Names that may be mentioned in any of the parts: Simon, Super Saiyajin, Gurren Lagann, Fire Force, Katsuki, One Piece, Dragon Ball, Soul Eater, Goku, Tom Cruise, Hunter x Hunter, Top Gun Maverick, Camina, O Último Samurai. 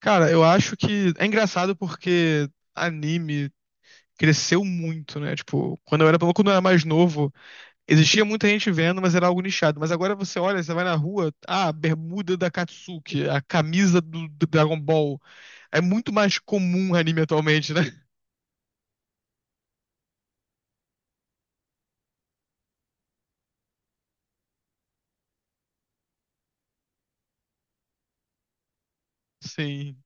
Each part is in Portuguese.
Cara, eu acho que é engraçado porque anime cresceu muito, né? Tipo, quando eu era mais novo, existia muita gente vendo, mas era algo nichado. Mas agora você olha, você vai na rua, ah, a bermuda da Katsuki, a camisa do Dragon Ball. É muito mais comum anime atualmente, né? Sim,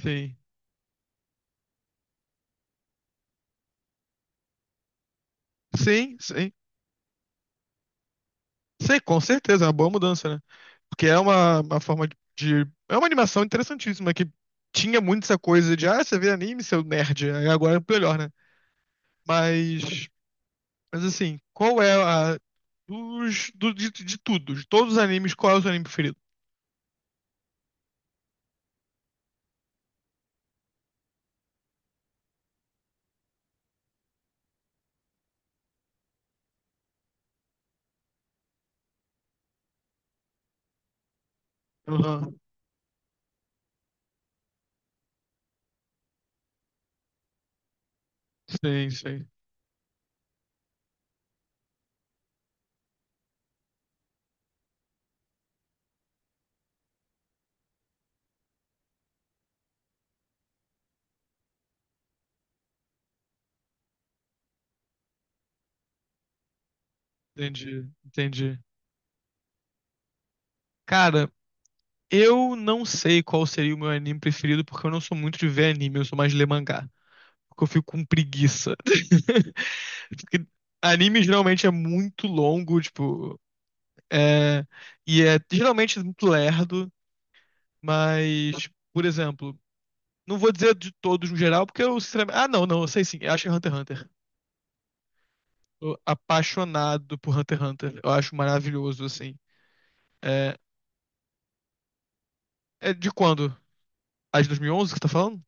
sim. Sim, sim. Sim, com certeza, é uma boa mudança, né? Porque é uma forma de. É uma animação interessantíssima que tinha muito essa coisa de, ah, você vê anime, seu nerd. Aí agora é melhor, né? Mas, mas assim, qual é a. De tudo, de todos os animes, qual é o seu anime preferido? Aham. Sim, sim. Entendi, entendi. Cara, eu não sei qual seria o meu anime preferido, porque eu não sou muito de ver anime, eu sou mais de ler mangá. Porque eu fico com preguiça. Porque anime geralmente é muito longo, tipo. É, e é geralmente muito lerdo, mas, por exemplo. Não vou dizer de todos no geral, porque eu sinceramente. Ah, não, não, eu sei sim. Eu acho Hunter x Hunter. Tô apaixonado por Hunter x Hunter. Eu acho maravilhoso, assim. É, é de quando? A de 2011 que você tá falando?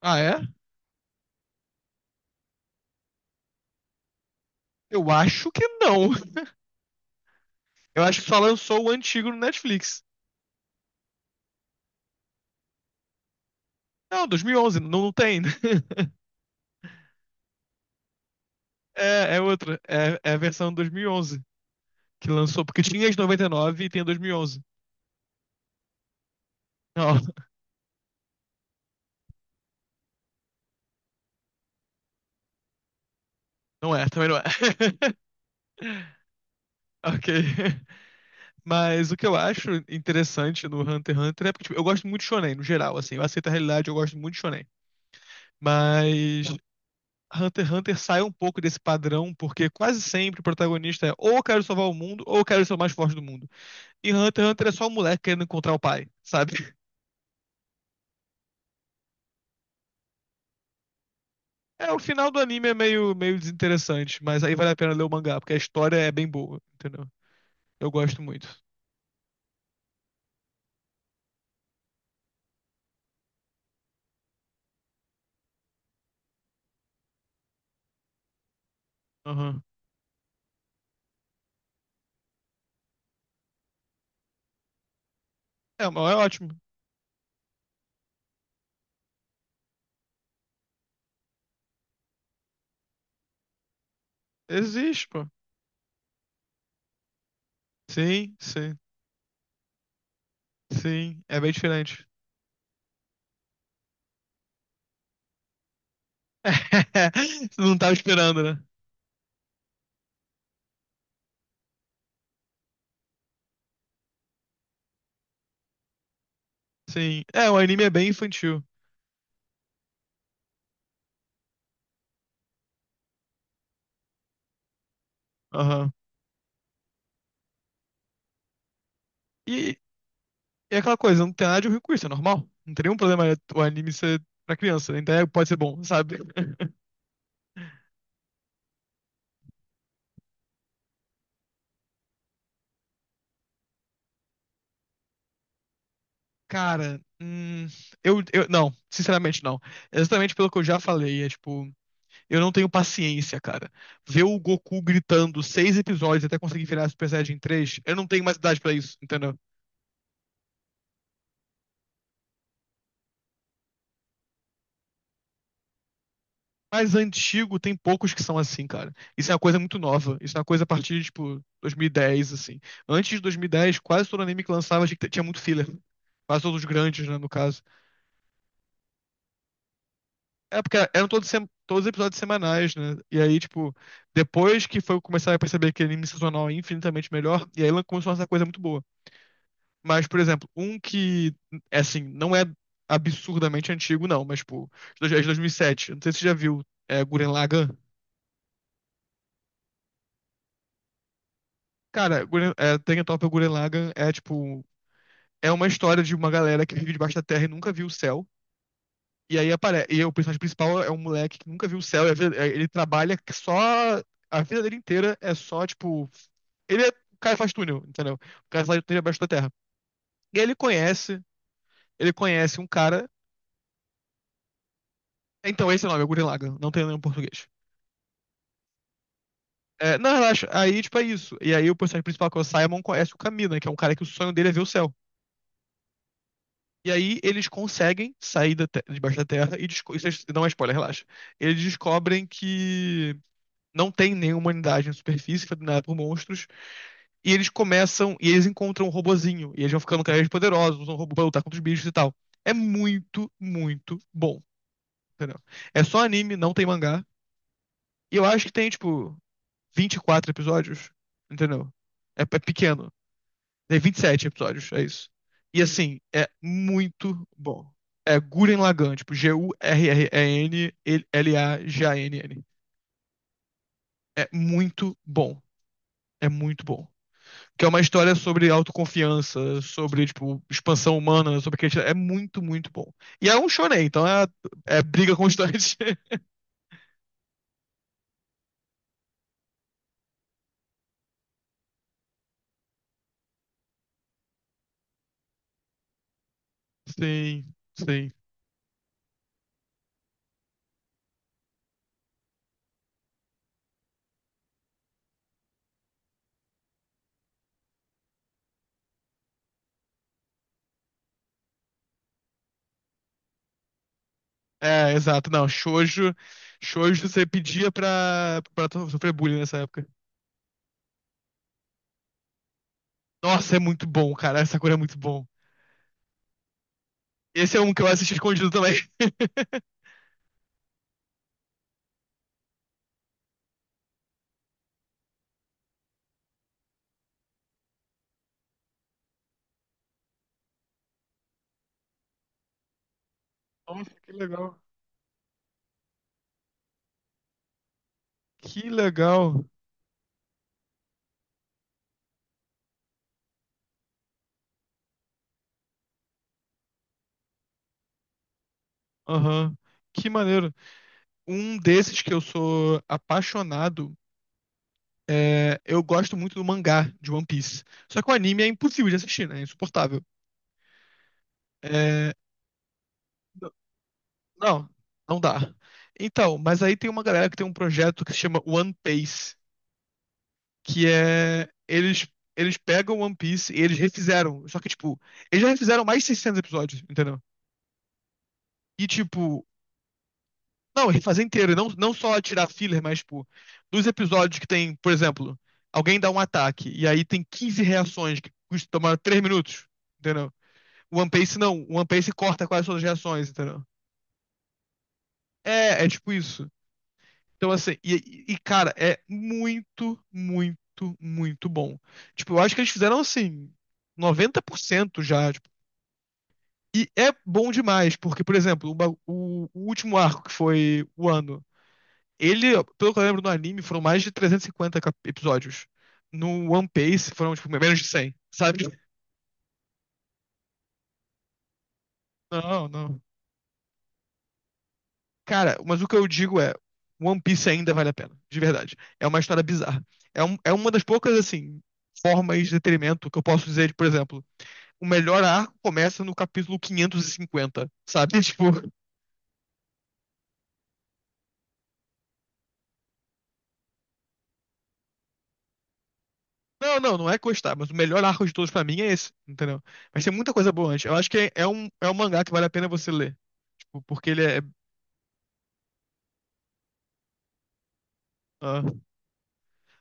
Ah, é? Eu acho que não. Eu acho que só lançou o antigo no Netflix. Não, 2011, não, não tem. É, é outra. É a versão 2011 que lançou, porque tinha as 99 e nove e tem a 2011. Não, não é, também não é. Ok. Mas o que eu acho interessante no Hunter x Hunter é porque, tipo, eu gosto muito de shonen, no geral, assim. Eu aceito a realidade, eu gosto muito de shonen. Mas Hunter x Hunter sai um pouco desse padrão, porque quase sempre o protagonista é ou eu quero salvar o mundo, ou eu quero ser o mais forte do mundo. E Hunter x Hunter é só o moleque querendo encontrar o pai, sabe? É, o final do anime é meio, meio desinteressante, mas aí vale a pena ler o mangá, porque a história é bem boa, entendeu? Eu gosto muito. Aham. É, mas é ótimo. Existe, pô. Sim, sim, sim. É bem diferente. Não tava esperando, né? Sim. É, o anime é bem infantil. Aham. E, e é aquela coisa, não tem nada de ruim com isso, é normal. Não tem nenhum problema é, o anime ser pra criança, né? Então é, pode ser bom, sabe? Cara, eu. Não, sinceramente não. É exatamente pelo que eu já falei. É tipo, eu não tenho paciência, cara. Ver o Goku gritando 6 episódios até conseguir virar Super Saiyajin 3, eu não tenho mais idade pra isso, entendeu? Mais antigo tem poucos que são assim, cara. Isso é uma coisa muito nova. Isso é uma coisa a partir de, tipo, 2010, assim. Antes de 2010, quase todo anime que lançava tinha muito filler. Quase todos os grandes, né, no caso. É porque eram todos, sem- todos episódios semanais, né? E aí, tipo, depois que foi começar a perceber que anime sazonal é infinitamente melhor, e aí ela começou a fazer coisa muito boa. Mas, por exemplo, um que, é assim, não é absurdamente antigo, não, mas, tipo, de dois- é de 2007. Não sei se você já viu, é Gurren Lagann. Cara, Gurren- é, Danganronpa Gurren Lagann é tipo. É uma história de uma galera que vive debaixo da terra e nunca viu o céu. E aí aparece. E o personagem principal é um moleque que nunca viu o céu. E a vida- é, ele trabalha que só. A vida dele inteira é só, tipo. Ele é. O cara faz túnel, entendeu? O cara faz túnel abaixo da terra. E aí ele conhece. Ele conhece um cara. Então, esse é o nome, é Gurren Lagann. Não tem nenhum português. É, não, relaxa. Aí, tipo, é isso. E aí o personagem principal, que é o Simon, conhece o Camina, que é um cara que o sonho dele é ver o céu. E aí eles conseguem sair da te- debaixo da terra e desco- isso é- não é spoiler, relaxa. Eles descobrem que não tem nenhuma humanidade na superfície, foi dominada por monstros, e eles começam e eles encontram um robozinho, e eles vão ficando cada vez poderosos, usam o robô pra lutar contra os bichos e tal. É muito, muito bom, entendeu? É só anime, não tem mangá. E eu acho que tem tipo 24 episódios, entendeu? É, é pequeno. Tem 27 episódios, é isso. E assim, é muito bom. É Gurren Lagann, tipo G-U-R-R-E-N-L-A-G-A-N-N. É muito bom. É muito bom. Que é uma história sobre autoconfiança, sobre, tipo, expansão humana, sobre que é muito, muito bom. E é um shonen, então é, é briga constante. Sim, sim. É, exato. Não, shoujo, shoujo você pedia pra, pra to- sofrer bullying nessa época. Nossa, é muito bom, cara. Essa cor é muito bom. Esse é um que eu assisti escondido também. Nossa, que legal. Que legal. Aham. Que maneiro. Um desses que eu sou apaixonado é. Eu gosto muito do mangá de One Piece. Só que o anime é impossível de assistir, né? É insuportável. É... n- Não, não dá. Então, mas aí tem uma galera que tem um projeto que se chama One Piece. Que é eles pegam One Piece e eles refizeram, só que tipo, eles já refizeram mais de 600 episódios, entendeu? E tipo, não, refazer inteiro, não não só tirar filler, mas tipo, dos episódios que tem, por exemplo, alguém dá um ataque e aí tem 15 reações que custam tomar 3 minutos, entendeu? O One Piece não, o One Piece corta quase todas as reações, entendeu? É, é tipo isso. Então, assim, e, cara, é muito, muito, muito bom. Tipo, eu acho que eles fizeram, assim, 90% já, E é bom demais, porque, por exemplo, o último arco, que foi o ano, ele, pelo que eu lembro no anime, foram mais de 350 cap- episódios. No One Piece foram, tipo, menos de cem, sabe? Não, não. Cara, mas o que eu digo é, One Piece ainda vale a pena, de verdade. É uma história bizarra. É, um- é uma das poucas, assim, formas de detrimento que eu posso dizer, de, por exemplo, o melhor arco começa no capítulo 550, sabe? Tipo... Não, não, não é gostar, mas o melhor arco de todos pra mim é esse, entendeu? Mas tem muita coisa boa antes. Eu acho que é, é um mangá que vale a pena você ler. Tipo, porque ele é. Ah,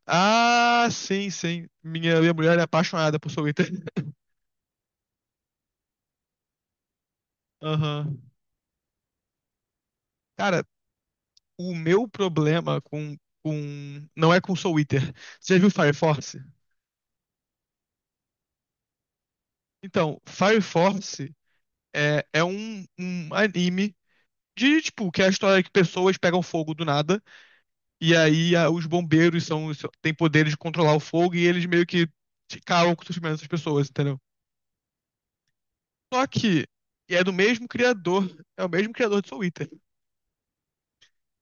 ah, sim, sim. Minha mulher é apaixonada por Soul Eater. Aham. Cara, o meu problema com. Não é com Soul Eater. Você já viu Fire Force? Então, Fire Force é, é um anime de, tipo, que é a história que pessoas pegam fogo do nada. E aí a- os bombeiros são, são- têm poderes de controlar o fogo e eles meio que ficaram com o sofrimento dessas pessoas, entendeu? Só que e é do mesmo criador, é o mesmo criador de Soul Eater.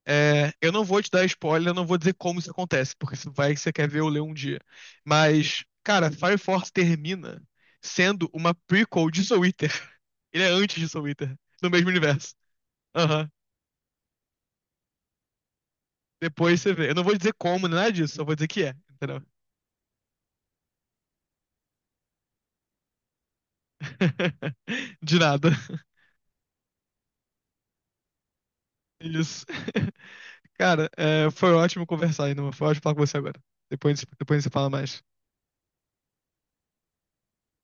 É, eu não vou te dar spoiler, eu não vou dizer como isso acontece, porque isso vai que você quer ver ou ler um dia. Mas, cara, Fire Force termina sendo uma prequel de Soul Eater. Ele é antes de Soul Eater, no mesmo universo. Aham. Depois você vê. Eu não vou dizer como, nem nada disso, só vou dizer que é, entendeu? De nada. Isso. Cara, é, foi ótimo conversar, ainda. Foi ótimo falar com você agora. Depois, depois você fala mais.